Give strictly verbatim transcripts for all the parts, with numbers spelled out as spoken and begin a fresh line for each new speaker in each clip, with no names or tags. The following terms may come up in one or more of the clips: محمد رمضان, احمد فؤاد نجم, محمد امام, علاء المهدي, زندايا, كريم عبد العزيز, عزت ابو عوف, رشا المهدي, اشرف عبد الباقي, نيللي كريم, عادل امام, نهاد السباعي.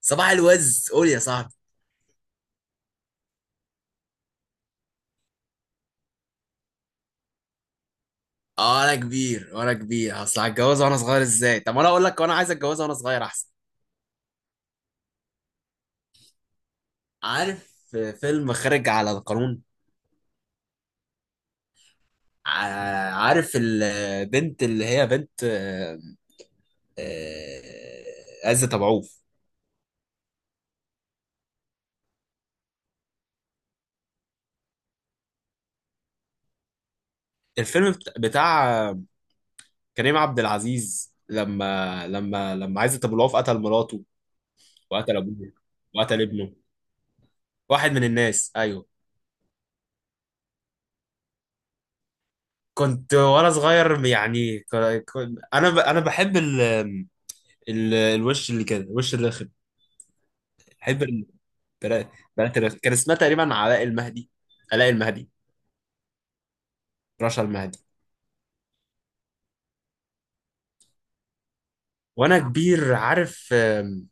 صباح الوز، قول يا صاحبي. اه، انا كبير وانا كبير اصل هتجوز وانا صغير ازاي؟ طب انا اقول لك، وانا عايز اتجوز وانا صغير احسن. عارف فيلم خارج على القانون؟ ع- عارف البنت اللي هي بنت، آه، آه، عزت ابو عوف. الفيلم بت- بتاع كريم عبد العزيز، لما لما لما عزت ابو العوف قتل مراته، وقتل ابوه، وقتل ابنه. واحد من الناس، ايوه. كنت وانا صغير، يعني، ك- ك- انا ب- انا بحب ال- الوش اللي كده، الوش الرخم. بحب ال- البنات البنات الرخم. كان اسمها تقريبا علاء المهدي علاء المهدي. رشا المهدي. وانا كبير عارف، آم،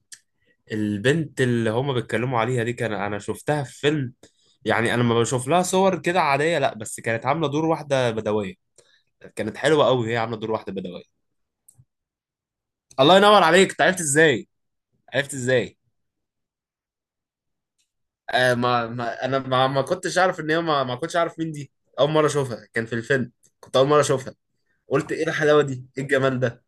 البنت اللي هما بيتكلموا عليها دي كان انا شفتها في فيلم. يعني انا لما بشوف لها صور كده عاديه، لا، بس كانت عامله دور واحده بدويه. كانت حلوه قوي هي، عامله دور واحده بدويه. الله ينور عليك، أنت عرفت ازاي؟ عرفت ازاي؟ آه، ما, ما انا ما, ما كنتش اعرف ان هي ما, ما كنتش اعرف مين دي. اول مره اشوفها كان في الفيلم. كنت اول مره اشوفها. قلت ايه الحلاوه دي؟ ايه الجمال ده؟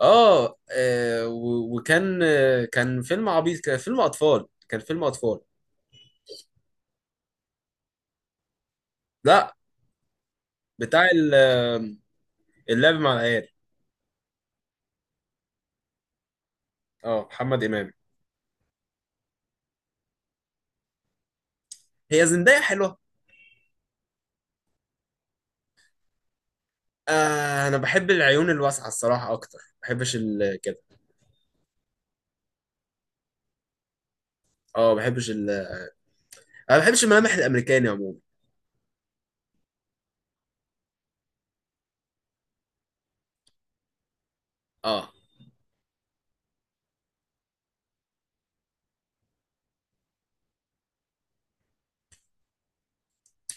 اه. آه، و- وكان آه، كان فيلم عبيط. كان فيلم اطفال، كان فيلم اطفال. لا. بتاع ال- آه، اللعب مع العيال. اه، محمد امام. هي زندايا حلوه. آه، انا بحب العيون الواسعه الصراحه اكتر. ما بحبش ال- كده. اه، ما بحبش ال... انا ما بحبش الملامح الامريكاني عموما. اه،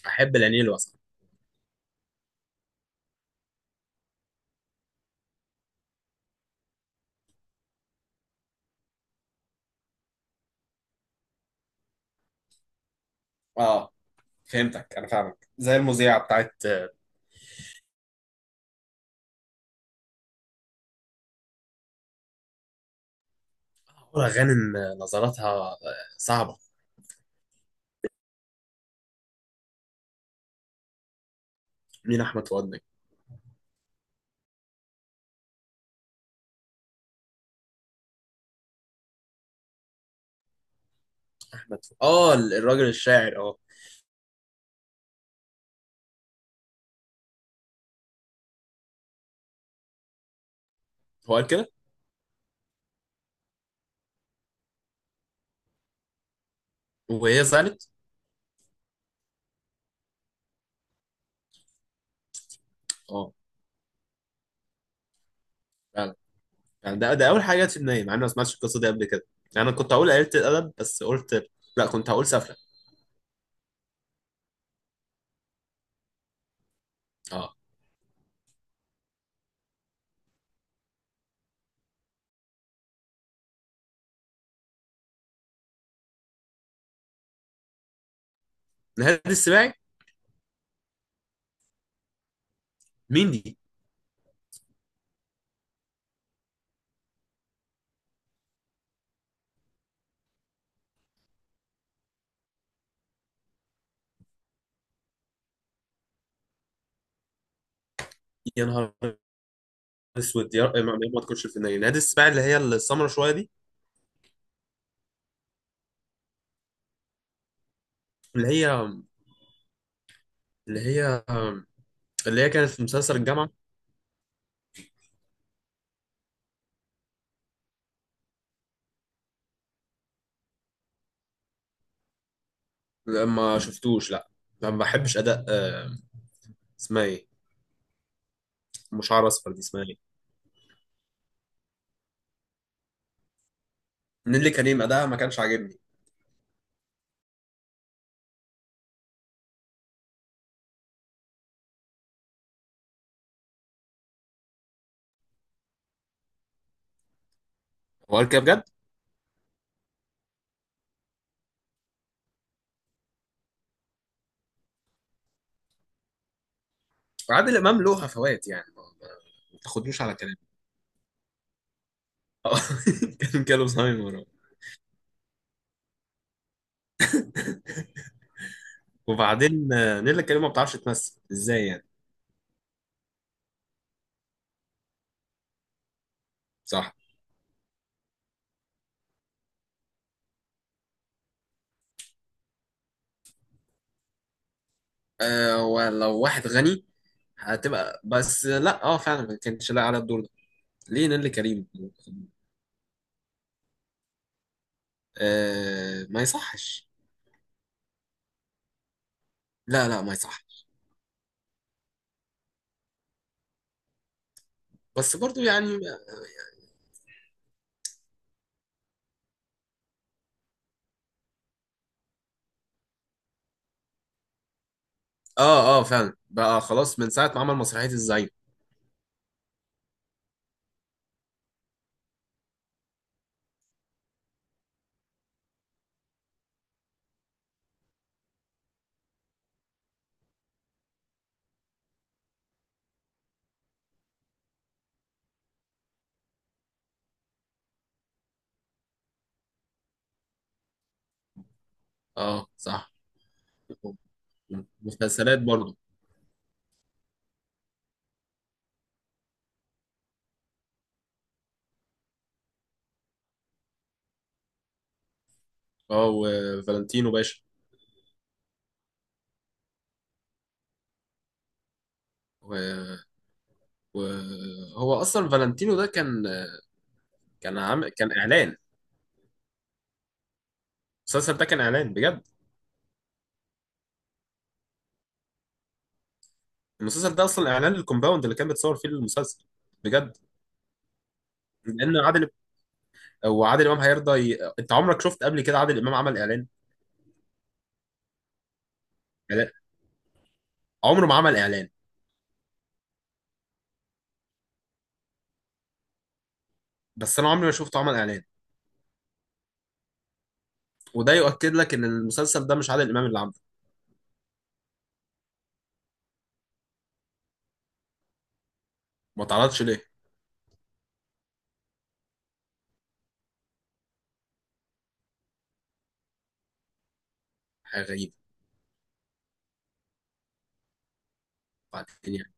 احب العينين الواسعه. اه، فهمتك. انا فاهمك زي المذيعه بتاعت آه، غانم. آه، نظراتها آه، صعبه. مين احمد فؤاد نجم؟ مدفوع؟ اه، الراجل الشاعر، اه. هو قال كده؟ وهي زعلت؟ اه، فعلا. يعني ده ده اول حاجه جت في دماغي، مع اني ما سمعتش القصه دي قبل كده. يعني انا كنت هقول قلة الادب، بس قلت لا، كنت هقول سفله. اه. نهاد السباعي؟ مين دي؟ يا نهار اسود، يا رب ما ما- ما تكونش في دماغي نهاد السباعي اللي هي السمرة شويه دي. اللي هي اللي هي اللي هي كانت في مسلسل الجامعه. لا، ما شفتوش، لا. ما بحبش اداء آه، اسمها ايه؟ مش عارف اصفر دي اسمها ايه؟ نيللي كريم. اداءها ما كانش عاجبني. هو قال كده بجد؟ وعادل امام له هفوات، يعني ما ما تاخدوش على كلامه. آه. كان جاله الزهايمر. وبعدين آه، نيللي كريم ما بتعرفش تمثل ازاي يعني. صح. أه، ولو واحد غني هتبقى، بس لا، اه، فعلا ما كانش لاقي على الدور ده. ليه نيللي كريم؟ أه، ما يصحش. لا، لا، ما يصحش. بس برضو يعني. اه، اه، فعلا بقى خلاص من ساعة ما عمل مسرحية الزعيم. اه، صح. مسلسلات برضو. اه، وفالنتينو باشا. وهو اصلا فالنتينو ده كان، كان عام، كان اعلان. المسلسل ده كان اعلان بجد. المسلسل ده اصلا اعلان للكومباوند اللي كان بيتصور فيه المسلسل. بجد. لان عادل، وعادل امام هيرضى ي... انت عمرك شفت قبل كده عادل امام عمل اعلان؟ لا. عمره ما عمل اعلان. بس انا عمري ما شفته عمل اعلان. وده يؤكد لك ان المسلسل ده مش عادل امام اللي عامله. ما اتعرضش ليه. حاجه غريبه. بعدين يعني،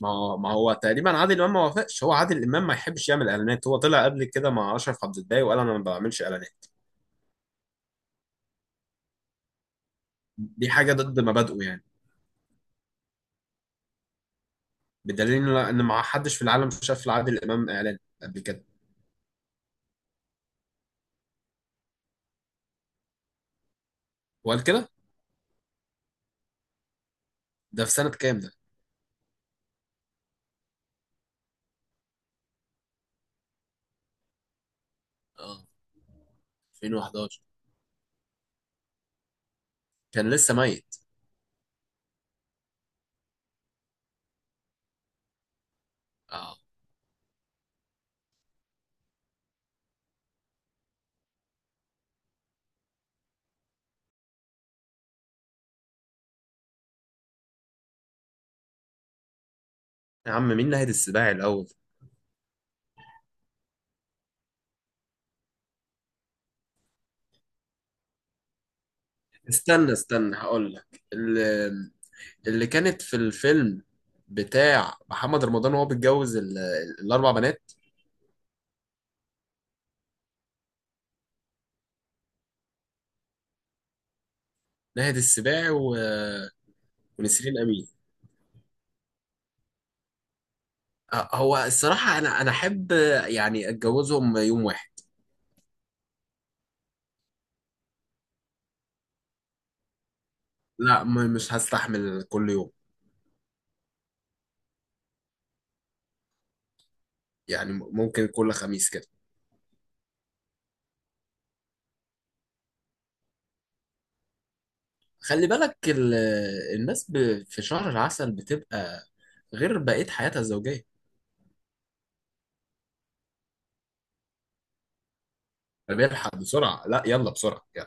ما هو ما هو تقريبا عادل امام ما وافقش. هو عادل امام ما يحبش يعمل اعلانات. هو طلع قبل كده مع اشرف عبد الباقي وقال انا ما بعملش اعلانات. دي حاجه ضد مبادئه يعني. بدليل ان ما حدش في العالم شاف لعادل امام اعلان قبل كده. وقال كده؟ ده في سنه كام ده؟ اه، ألفين وأحد عشر كان لسه ميت. اه، يا عم، مين ناهد السباعي الاول. استنى استنى، هقول لك اللي, اللي كانت في الفيلم بتاع محمد رمضان وهو بيتجوز ال- الاربع بنات. ناهد السباعي و... ونسرين امين. أه، هو الصراحه انا انا احب يعني اتجوزهم يوم واحد. لا، م- مش هستحمل كل يوم. يعني ممكن كل خميس كده. خلي بالك ال- الناس ب- في شهر العسل بتبقى غير بقية حياتها الزوجية. بيلحق بسرعة. لا، يلا بسرعة، يلا.